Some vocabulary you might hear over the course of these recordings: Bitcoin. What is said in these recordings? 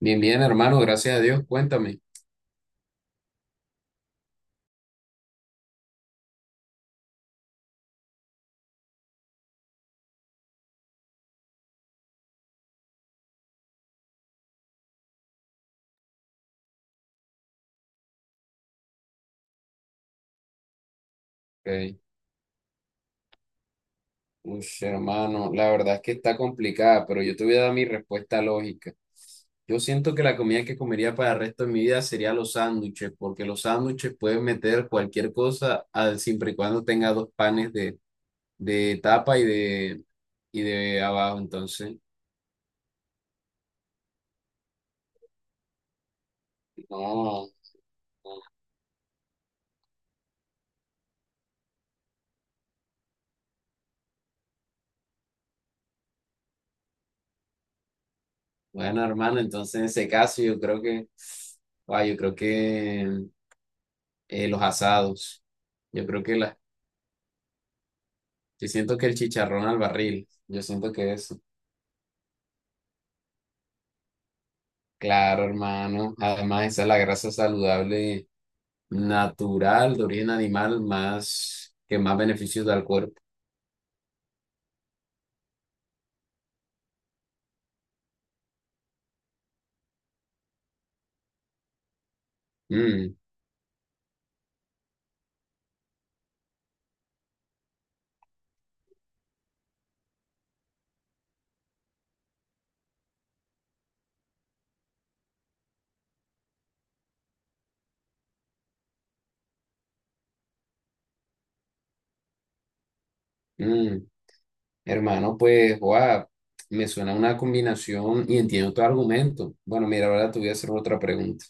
Bien, bien, hermano, gracias a Dios, cuéntame. Ok. Ush, hermano, la verdad es que está complicada, pero yo te voy a dar mi respuesta lógica. Yo siento que la comida que comería para el resto de mi vida sería los sándwiches, porque los sándwiches pueden meter cualquier cosa siempre y cuando tenga dos panes de tapa y de abajo. Entonces, no, bueno, hermano, entonces en ese caso yo creo que los asados. Yo creo que las Yo siento que el chicharrón al barril, yo siento que eso. Claro, hermano. Además, esa es la grasa saludable natural de origen animal más que más beneficios da al cuerpo. Mm, mm. Hermano, pues, guau, me suena una combinación y entiendo tu argumento. Bueno, mira, ahora te voy a hacer otra pregunta.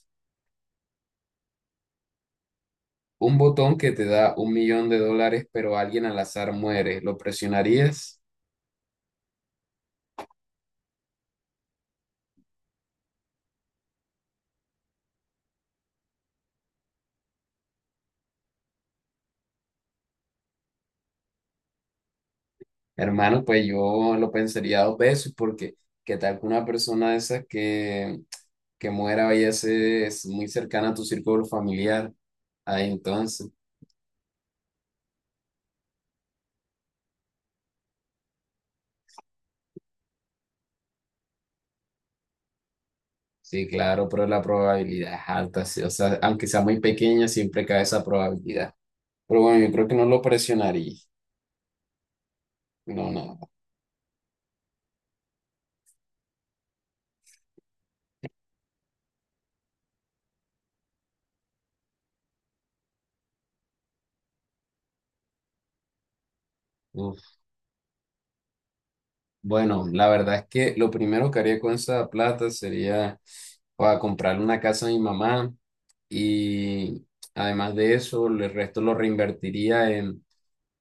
Un botón que te da 1 millón de dólares, pero alguien al azar muere, ¿lo presionarías? Hermano, pues yo lo pensaría dos veces porque qué tal que una persona de esas que muera vaya a ser es muy cercana a tu círculo familiar. Ahí entonces, sí, claro, pero la probabilidad es alta, sí, o sea, aunque sea muy pequeña, siempre cae esa probabilidad. Pero bueno, yo creo que no lo presionaría. No, no. No. Bueno, la verdad es que lo primero que haría con esa plata sería para comprarle una casa a mi mamá y además de eso, el resto lo reinvertiría en,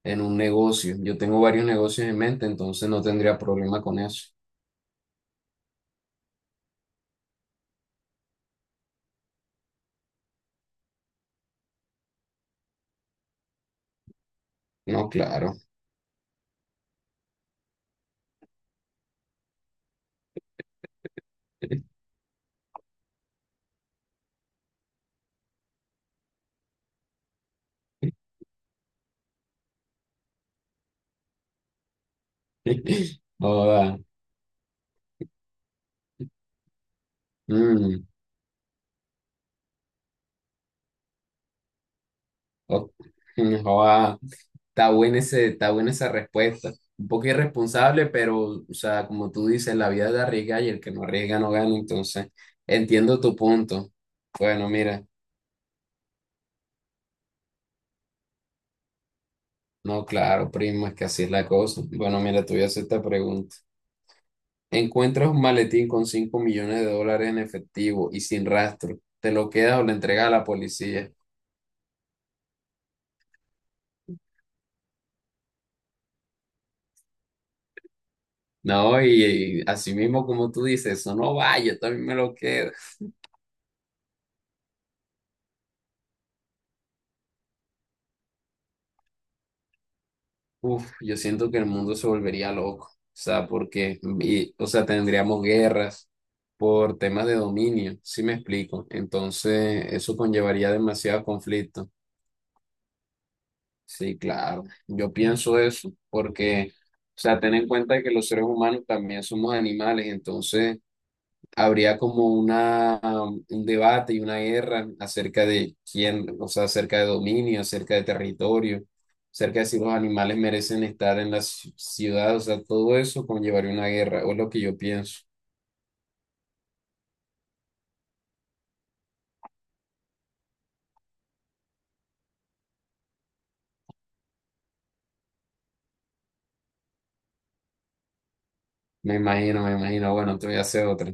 en un negocio. Yo tengo varios negocios en mente, entonces no tendría problema con eso. No, claro. Joda. Mm, o- Joda. Está buena esa respuesta. Un poco irresponsable, pero, o sea, como tú dices, la vida es de arriesgar y el que no arriesga no gana. Entonces, entiendo tu punto. Bueno, mira, no, claro, primo, es que así es la cosa. Bueno, mira, te voy a hacer esta pregunta. Encuentras un maletín con 5 millones de dólares en efectivo y sin rastro. ¿Te lo quedas o lo entregas a la policía? No, y así mismo como tú dices, eso no va, yo también me lo quedo. Uf, yo siento que el mundo se volvería loco, o sea, porque, o sea, tendríamos guerras por temas de dominio, ¿sí me explico? Entonces, eso conllevaría demasiado conflicto. Sí, claro, yo pienso eso, porque, o sea, ten en cuenta que los seres humanos también somos animales, entonces habría como una, un debate y una guerra acerca de quién, o sea, acerca de dominio, acerca de territorio, acerca de si los animales merecen estar en la ciudad, o sea, todo eso conllevaría una guerra, o es lo que yo pienso. Me imagino, me imagino. Bueno, te voy a hacer otra.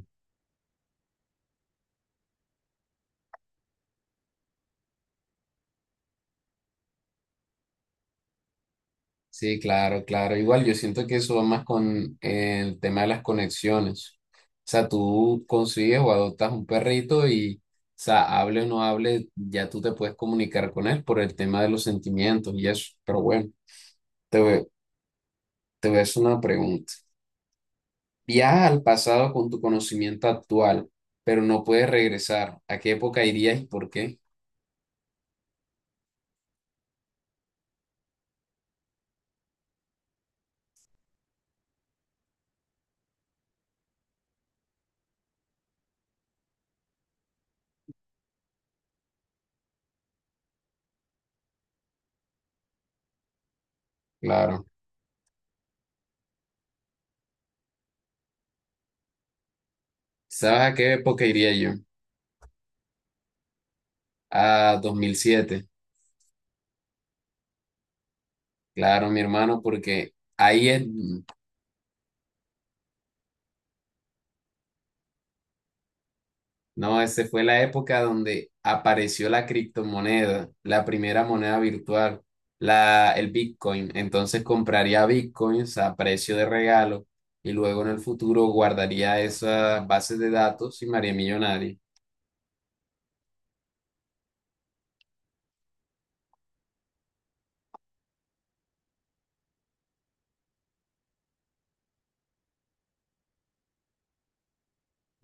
Sí, claro, claro. Igual yo siento que eso va más con el tema de las conexiones. O sea, tú consigues o adoptas un perrito y, o sea, hable o no hable, ya tú te puedes comunicar con él por el tema de los sentimientos y eso. Pero bueno, te voy, te voy a hacer una pregunta. Viajas al pasado con tu conocimiento actual, pero no puedes regresar. ¿A qué época irías y por qué? Claro. ¿Sabes a qué época iría yo? A 2007. Claro, mi hermano, porque ahí es no, esa fue la época donde apareció la criptomoneda, la primera moneda virtual, la, el Bitcoin. Entonces compraría Bitcoins a precio de regalo y luego en el futuro guardaría esas bases de datos y me haría millonario.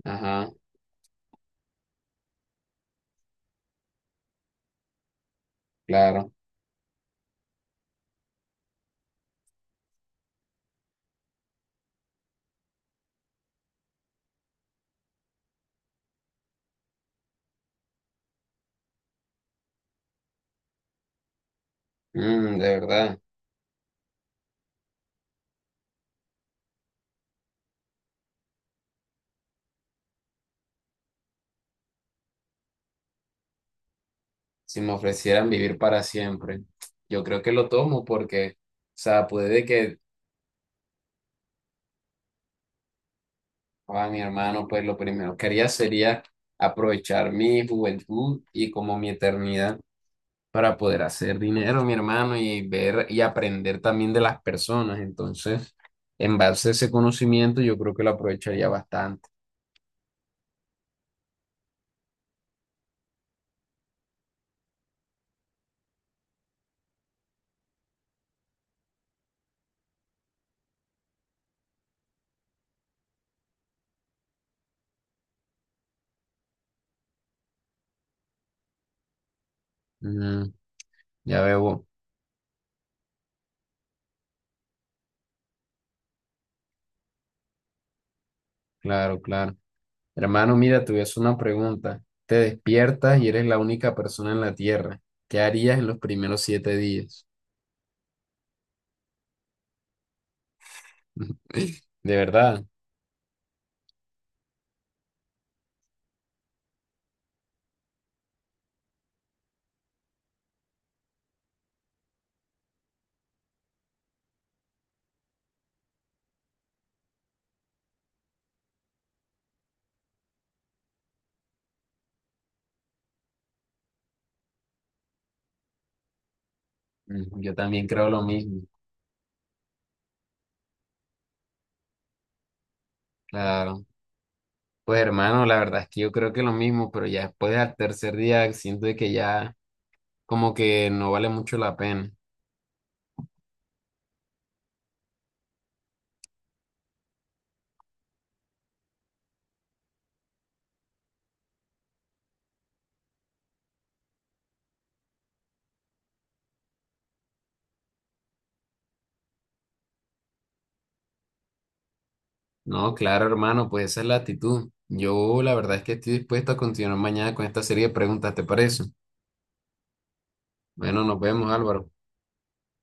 Ajá, claro. Mm, de verdad. Si me ofrecieran vivir para siempre, yo creo que lo tomo porque, o sea, puede que, a mi hermano, pues lo primero que haría sería aprovechar mi juventud y como mi eternidad. Para poder hacer dinero, mi hermano, y ver y aprender también de las personas. Entonces, en base a ese conocimiento, yo creo que lo aprovecharía bastante. Ujú, ya veo, claro, claro. Hermano, mira, te voy a hacer una pregunta. Te despiertas y eres la única persona en la Tierra. ¿Qué harías en los primeros 7 días? De verdad. Mm, yo también creo lo mismo, claro. Pues hermano, la verdad es que yo creo que lo mismo, pero ya después del tercer día siento de que ya como que no vale mucho la pena. No, claro, hermano, pues esa es la actitud. Yo la verdad es que estoy dispuesto a continuar mañana con esta serie de preguntas, ¿te parece? Bueno, nos vemos, Álvaro.